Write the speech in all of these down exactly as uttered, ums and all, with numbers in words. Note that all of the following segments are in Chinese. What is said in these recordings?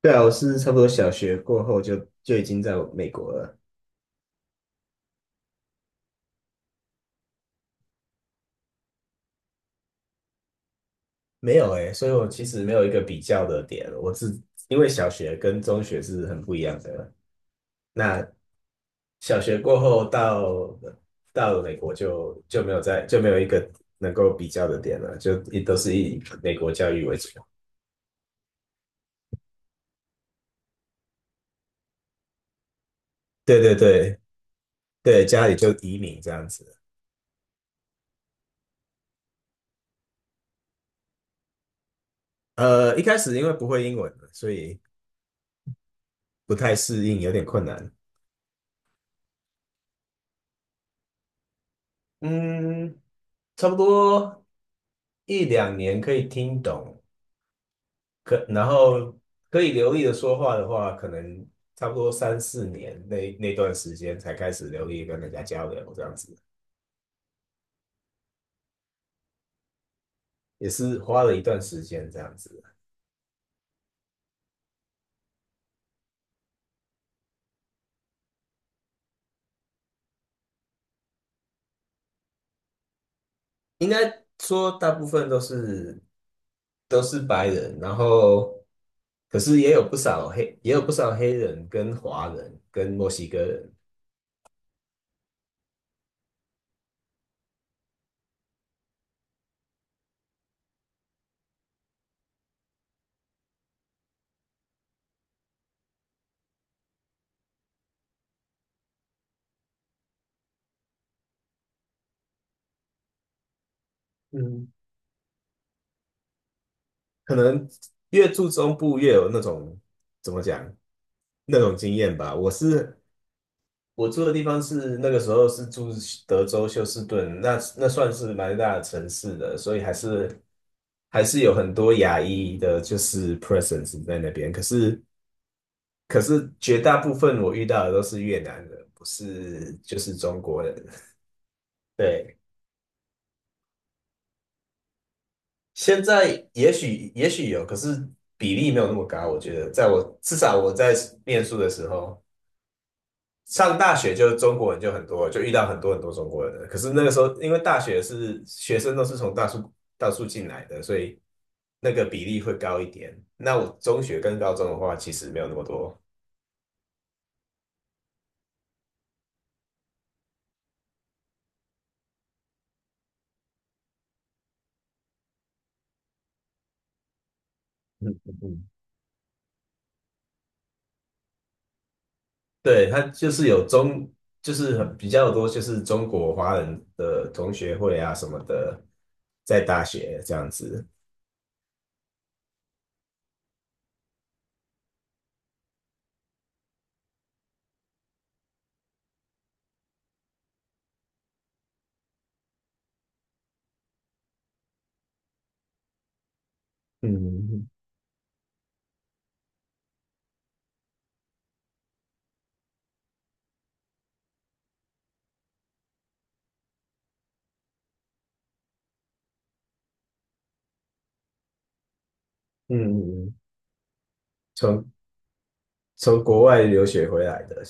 对啊，我是差不多小学过后就就已经在美国了。没有诶，所以我其实没有一个比较的点。我是因为小学跟中学是很不一样的。那小学过后到到了美国就就没有在就没有一个能够比较的点了，就也都是以美国教育为主。对对对对，家里就移民这样子。呃，一开始因为不会英文，所以不太适应，有点困难。嗯，差不多一两年可以听懂，可然后可以流利的说话的话，可能差不多三四年那那段时间才开始流利地跟人家交流，这样子也是花了一段时间这样子。应该说大部分都是都是白人，然后可是也有不少黑也有不少黑人跟华人跟墨西哥人，嗯，可能越住中部越有那种怎么讲那种经验吧。我是我住的地方是那个时候是住德州休斯顿，那那算是蛮大的城市的，所以还是还是有很多亚裔的，就是 presence 在那边。可是可是绝大部分我遇到的都是越南人，不是就是中国人。对，现在也许也许有，可是比例没有那么高，我觉得在我至少我在念书的时候。上大学就中国人就很多，就遇到很多很多中国人了，可是那个时候，因为大学是学生都是从大数大数进来的，所以那个比例会高一点。那我中学跟高中的话，其实没有那么多。嗯，对，他就是有中，就是很比较多，就是中国华人的同学会啊什么的，在大学这样子。嗯嗯，从从国外留学回来的，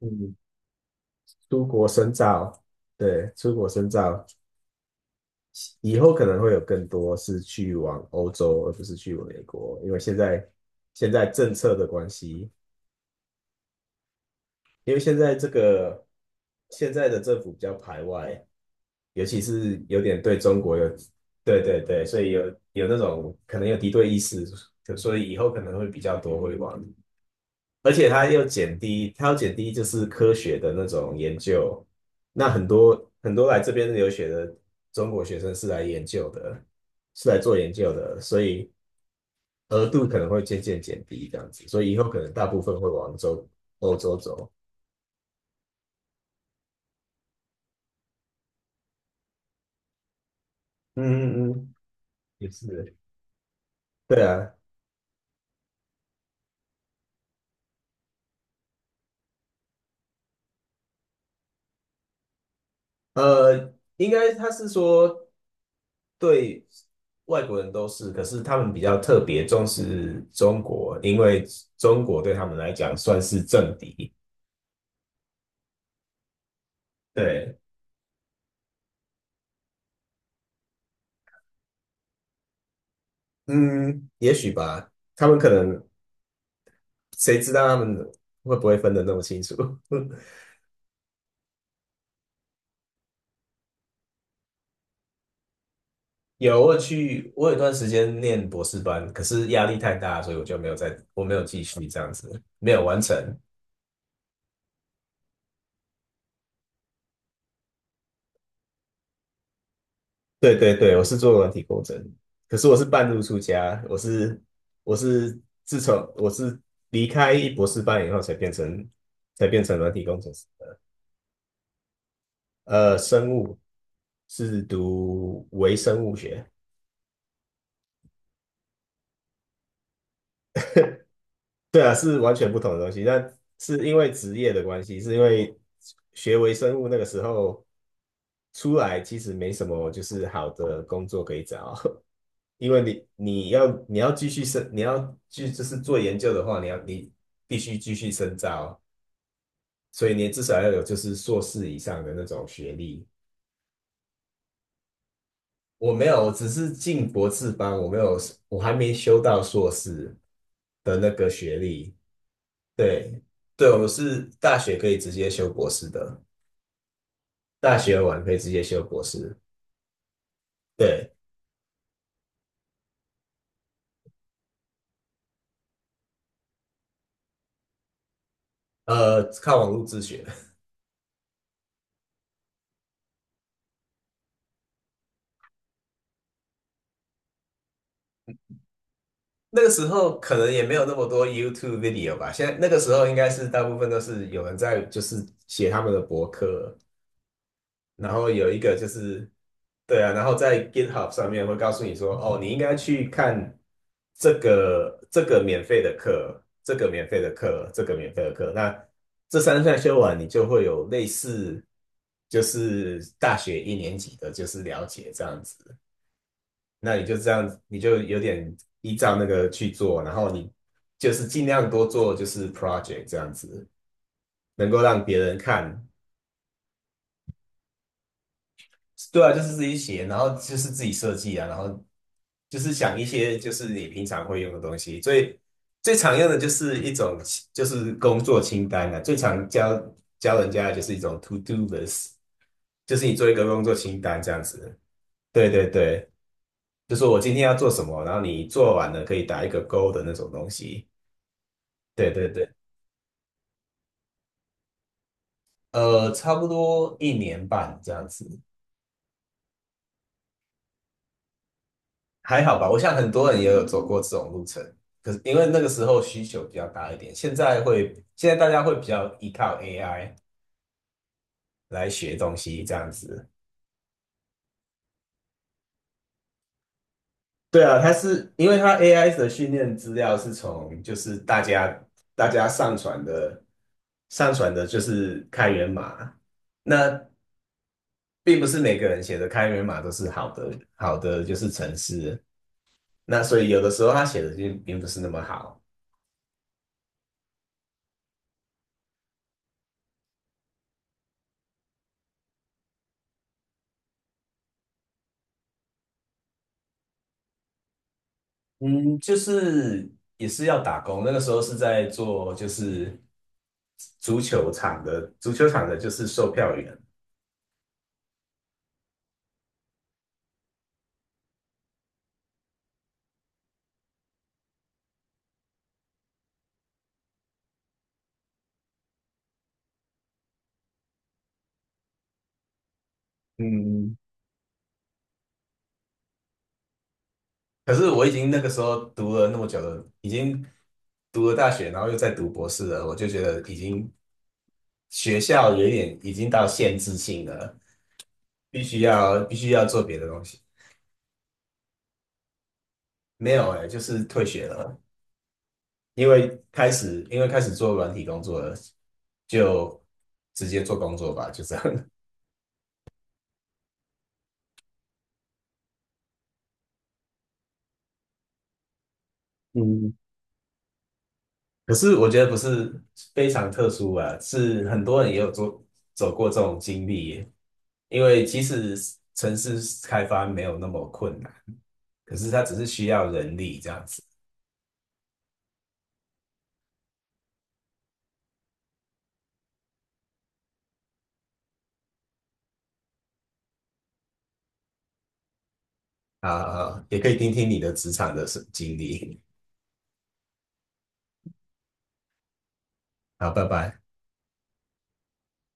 嗯，出国深造，对，出国深造。以后可能会有更多是去往欧洲，而不是去美国，因为现在现在政策的关系，因为现在这个现在的政府比较排外，尤其是有点对中国有，对对对，所以有有那种可能有敌对意识，所以以后可能会比较多会往，而且它又减低，它要减低就是科学的那种研究，那很多很多来这边留学的中国学生是来研究的。是来做研究的，所以额度可能会渐渐减低这样子，所以以后可能大部分会往洲欧洲走。嗯嗯嗯，也是，对啊，呃，应该他是说对外国人都是，可是他们比较特别重视中国，因为中国对他们来讲算是政敌。对，嗯，也许吧，他们可能谁知道他们会不会分得那么清楚？有，我有去，我有一段时间念博士班，可是压力太大，所以我就没有再，我没有继续这样子，没有完成。对对对，我是做软体工程，可是我是半路出家，我是我是自从我是离开博士班以后才变成才变成软体工程师，呃，生物是读微生物学，对啊，是完全不同的东西，但是因为职业的关系，是因为学微生物那个时候。出来其实没什么就是好的工作可以找，因为你你要你要继续深，你要继就是做研究的话，你要你必须继续深造，所以你至少要有就是硕士以上的那种学历。我没有，我只是进博士班，我没有，我还没修到硕士的那个学历。对，对，我是大学可以直接修博士的，大学完可以直接修博士。对，呃，靠网络自学。那个时候可能也没有那么多 YouTube video 吧，现在那个时候应该是大部分都是有人在就是写他们的博客，然后有一个就是对啊，然后在 GitHub 上面会告诉你说，哦，你应该去看这个这个免费的课，这个免费的课，这个免费的课，那这三项修完，你就会有类似就是大学一年级的就是了解这样子。那你就这样子，你就有点依照那个去做，然后你就是尽量多做就是 project 这样子，能够让别人看。对啊，就是自己写，然后就是自己设计啊，然后就是想一些就是你平常会用的东西。最最常用的就是一种就是工作清单啊，最常教教人家的就是一种 to do list，就是你做一个工作清单这样子。对对对，就是我今天要做什么，然后你做完了可以打一个勾的那种东西。对对对，呃，差不多一年半这样子，还好吧。我想很多人也有走过这种路程，可是因为那个时候需求比较大一点，现在会，现在大家会比较依靠 A I 来学东西这样子。对啊，它是因为它 A I 的训练资料是从就是大家大家上传的上传的就是开源码，那并不是每个人写的开源码都是好的好的就是程式。那所以有的时候他写的就并不是那么好。嗯，就是也是要打工，那个时候是在做就是足球场的足球场的就是售票员。嗯，可是我已经那个时候读了那么久了，已经读了大学，然后又在读博士了，我就觉得已经学校有一点已经到限制性了，必须要必须要做别的东西。没有哎、就是退学了。因为开始因为开始做软体工作了，就直接做工作吧，就这样。嗯，可是我觉得不是非常特殊啊，是很多人也有做走过这种经历，因为其实城市开发没有那么困难，可是它只是需要人力这样子啊，也可以听听你的职场的经历。好，拜拜。